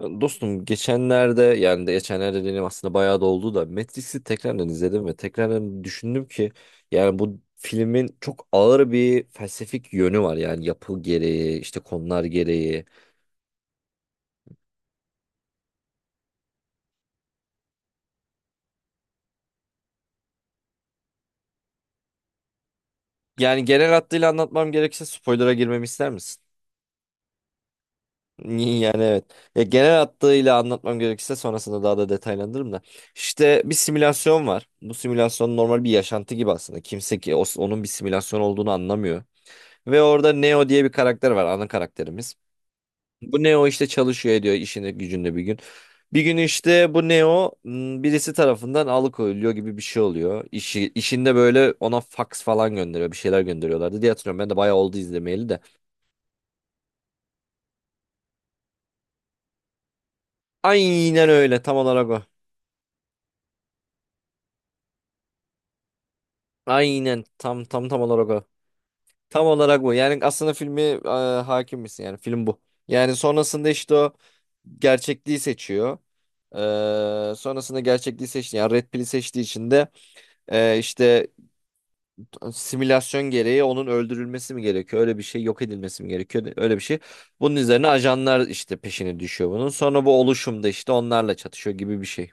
Dostum geçenlerde yani de geçenlerde dediğim aslında bayağı da oldu da Matrix'i tekrardan izledim ve tekrardan düşündüm ki yani bu filmin çok ağır bir felsefik yönü var, yani yapı gereği, işte konular gereği. Yani genel hattıyla anlatmam gerekirse spoiler'a girmemi ister misin? Yani evet. Ya genel hattıyla anlatmam gerekirse sonrasında daha da detaylandırırım da. İşte bir simülasyon var. Bu simülasyon normal bir yaşantı gibi aslında. Kimse ki onun bir simülasyon olduğunu anlamıyor. Ve orada Neo diye bir karakter var, ana karakterimiz. Bu Neo işte çalışıyor ediyor işinde gücünde bir gün. Bir gün işte bu birisi tarafından alıkoyuluyor gibi bir şey oluyor. İşinde böyle ona fax falan gönderiyor, bir şeyler gönderiyorlardı diye hatırlıyorum. Ben de bayağı oldu izlemeyeli de. Aynen öyle, tam olarak o. Aynen tam olarak o. Tam olarak bu. Yani aslında filmi hakim misin? Yani film bu. Yani sonrasında işte o gerçekliği seçiyor. Sonrasında gerçekliği seçti. Yani Red Pill'i seçtiği için de işte simülasyon gereği onun öldürülmesi mi gerekiyor? Öyle bir şey, yok edilmesi mi gerekiyor? Öyle bir şey. Bunun üzerine ajanlar işte peşine düşüyor bunun. Sonra bu oluşumda işte onlarla çatışıyor gibi bir şey.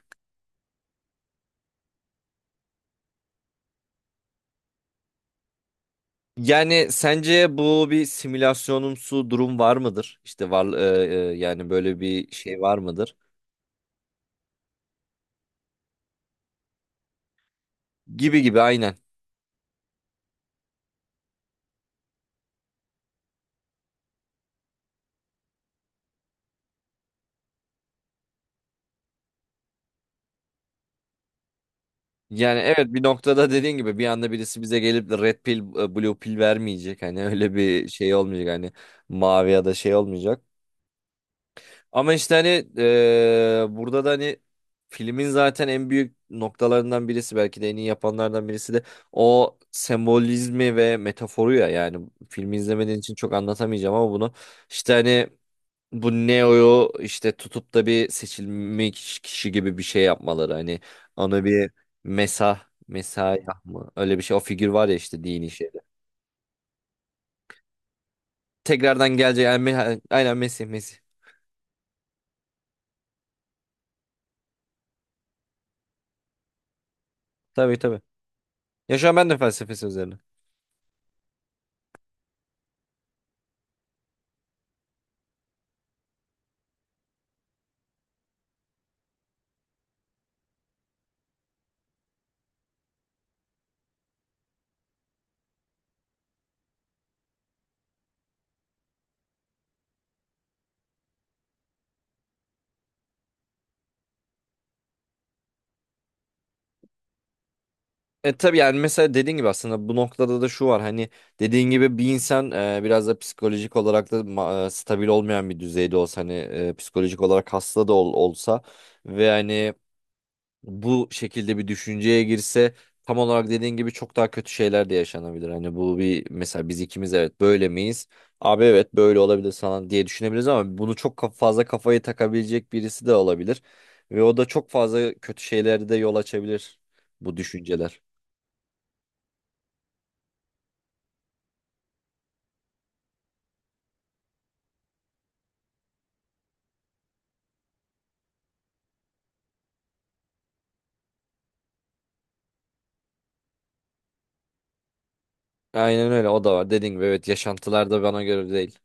Yani sence bu bir simülasyonumsu durum var mıdır? İşte var yani böyle bir şey var mıdır? Gibi gibi aynen. Yani evet, bir noktada dediğin gibi bir anda birisi bize gelip de red pill blue pill vermeyecek. Hani öyle bir şey olmayacak, hani mavi ya da şey olmayacak. Ama işte hani burada da hani filmin zaten en büyük noktalarından birisi, belki de en iyi yapanlardan birisi de o sembolizmi ve metaforu ya, yani filmi izlemediğin için çok anlatamayacağım ama bunu işte hani bu Neo'yu işte tutup da bir seçilmiş kişi gibi bir şey yapmaları, hani ona bir Mesayah mı, öyle bir şey, o figür var ya işte dini şeyde. Tekrardan gelecek yani aynen, Mesih Mesih. Tabii tabii. Ya şu an ben de felsefesi üzerine. E tabii, yani mesela dediğin gibi aslında bu noktada da şu var hani, dediğin gibi bir insan biraz da psikolojik olarak da stabil olmayan bir düzeyde olsa, hani psikolojik olarak hasta da olsa ve hani bu şekilde bir düşünceye girse tam olarak dediğin gibi çok daha kötü şeyler de yaşanabilir. Hani bu bir mesela, biz ikimiz evet böyle miyiz? Abi evet böyle olabilir falan diye düşünebiliriz ama bunu fazla kafayı takabilecek birisi de olabilir ve o da çok fazla kötü şeylere de yol açabilir bu düşünceler. Aynen öyle, o da var. Dediğin gibi evet, yaşantılar da bana göre değil.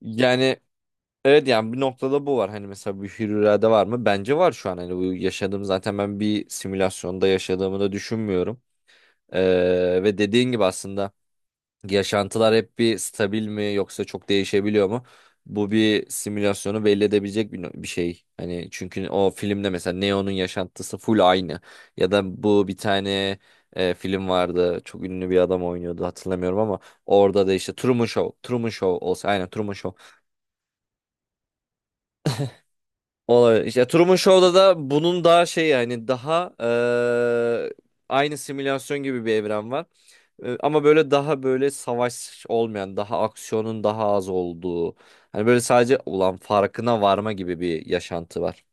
Yani evet, yani bir noktada bu var. Hani mesela bir hür irade var mı? Bence var şu an. Hani bu yaşadığım, zaten ben bir simülasyonda yaşadığımı da düşünmüyorum. Ve dediğin gibi aslında yaşantılar hep bir stabil mi yoksa çok değişebiliyor mu? Bu bir simülasyonu belli edebilecek bir, no, bir şey. Hani çünkü o filmde mesela Neo'nun yaşantısı full aynı. Ya da bu bir tane film vardı. Çok ünlü bir adam oynuyordu, hatırlamıyorum ama orada da işte Truman Show. Truman Show olsa, aynen Truman Show. Olabilir. İşte Truman Show'da da bunun daha şey, yani daha aynı simülasyon gibi bir evren var. Ama böyle daha böyle savaş olmayan, daha aksiyonun daha az olduğu. Hani böyle sadece ulan farkına varma gibi bir yaşantı var.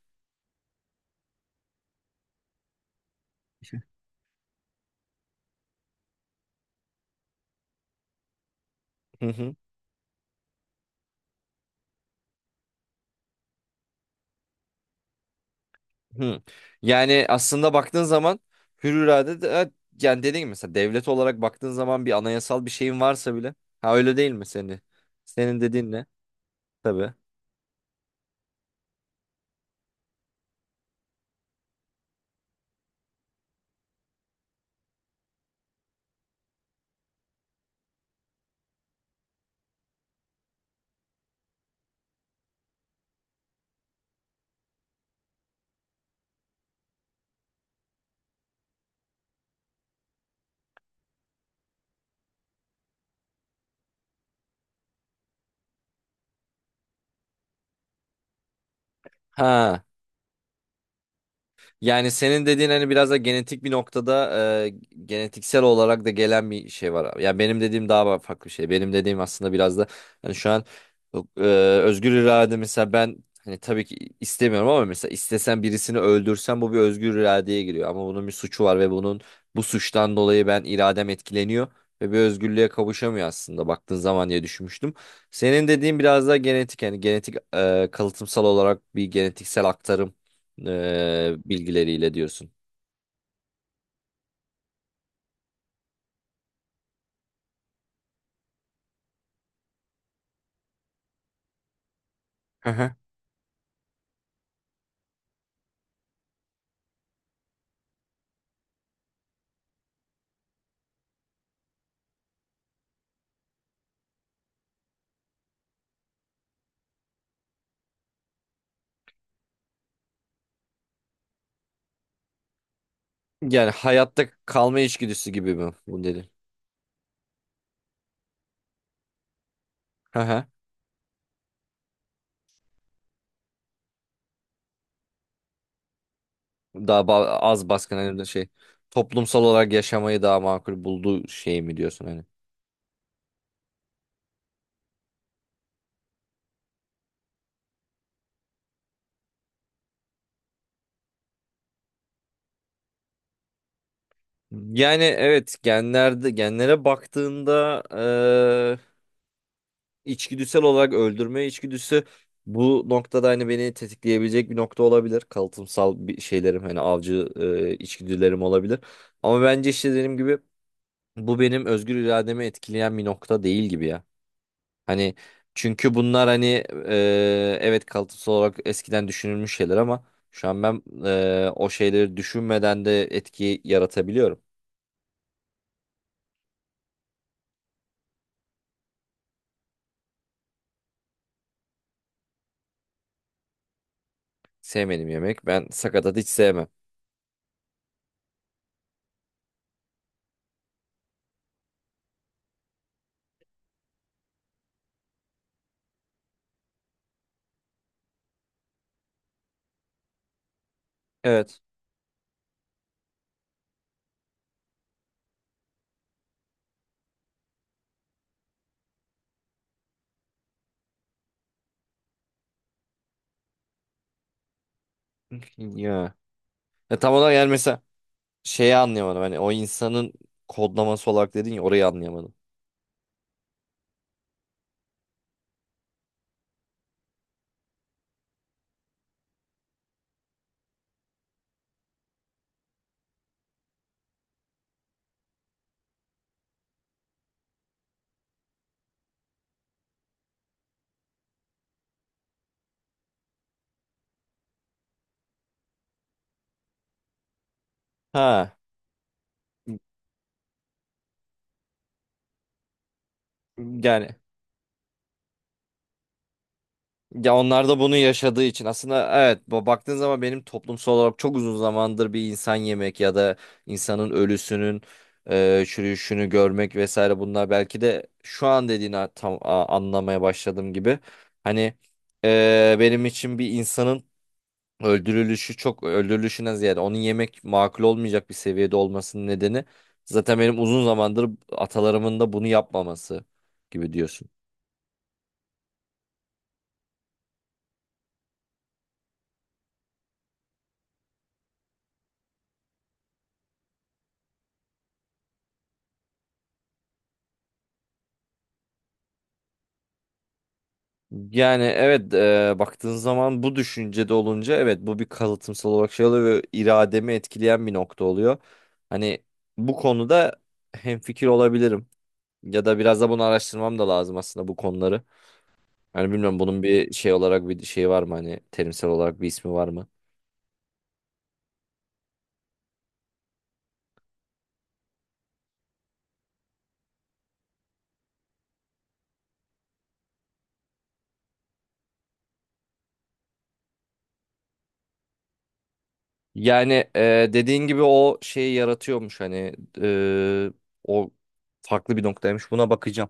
Hı hı. Yani aslında baktığın zaman hür irade de, evet, yani dediğim gibi mesela devlet olarak baktığın zaman bir anayasal bir şeyin varsa bile. Ha öyle değil mi senin? Senin dediğin ne? Tabii. Ha. Yani senin dediğin hani biraz da genetik bir noktada e, genetiksel olarak da gelen bir şey var. Ya benim dediğim daha farklı bir şey. Benim dediğim aslında biraz da hani şu an e, özgür irade, mesela ben hani tabii ki istemiyorum ama mesela istesen birisini öldürsen bu bir özgür iradeye giriyor. Ama bunun bir suçu var ve bunun, bu suçtan dolayı ben iradem etkileniyor ve bir özgürlüğe kavuşamıyor aslında baktığın zaman diye düşünmüştüm. Senin dediğin biraz daha genetik, yani genetik kalıtsal olarak bir genetiksel aktarım bilgileriyle diyorsun. Hı hı. Yani hayatta kalma içgüdüsü gibi mi bu dedi. Hı hı. Az baskın hani de şey, toplumsal olarak yaşamayı daha makul bulduğu şey mi diyorsun hani? Yani evet, genlere baktığında içgüdüsel olarak öldürme içgüdüsü bu noktada hani beni tetikleyebilecek bir nokta olabilir. Kalıtsal bir şeylerim, hani avcı içgüdülerim olabilir. Ama bence işte dediğim gibi bu benim özgür irademi etkileyen bir nokta değil gibi ya. Hani çünkü bunlar hani evet, kalıtsal olarak eskiden düşünülmüş şeyler ama şu an ben o şeyleri düşünmeden de etki yaratabiliyorum. Sevmedim yemek. Ben sakatat hiç sevmem. Evet. Ya. Ya tam olarak, yani mesela şeyi anlayamadım. Hani o insanın kodlaması olarak dedin ya, orayı anlayamadım. Ha. Yani ya onlar da bunu yaşadığı için aslında evet, baktığın zaman benim toplumsal olarak çok uzun zamandır bir insan yemek ya da insanın ölüsünün çürüyüşünü görmek vesaire, bunlar belki de şu an dediğini tam anlamaya başladığım gibi. Hani benim için bir insanın öldürülüşü, çok öldürülüşüne ziyade onun yemek makul olmayacak bir seviyede olmasının nedeni zaten benim uzun zamandır atalarımın da bunu yapmaması gibi diyorsun. Yani evet, baktığın zaman bu düşüncede olunca evet bu bir kalıtımsal olarak şey oluyor ve irademi etkileyen bir nokta oluyor. Hani bu konuda hemfikir olabilirim ya da biraz da bunu araştırmam da lazım aslında bu konuları. Hani bilmiyorum, bunun bir şey olarak bir şey var mı, hani terimsel olarak bir ismi var mı? Yani dediğin gibi o şeyi yaratıyormuş hani, e, o farklı bir noktaymış, buna bakacağım.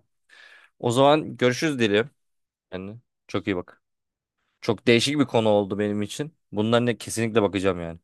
O zaman görüşürüz dilim. Yani çok iyi bak. Çok değişik bir konu oldu benim için. Bundan ne, kesinlikle bakacağım yani.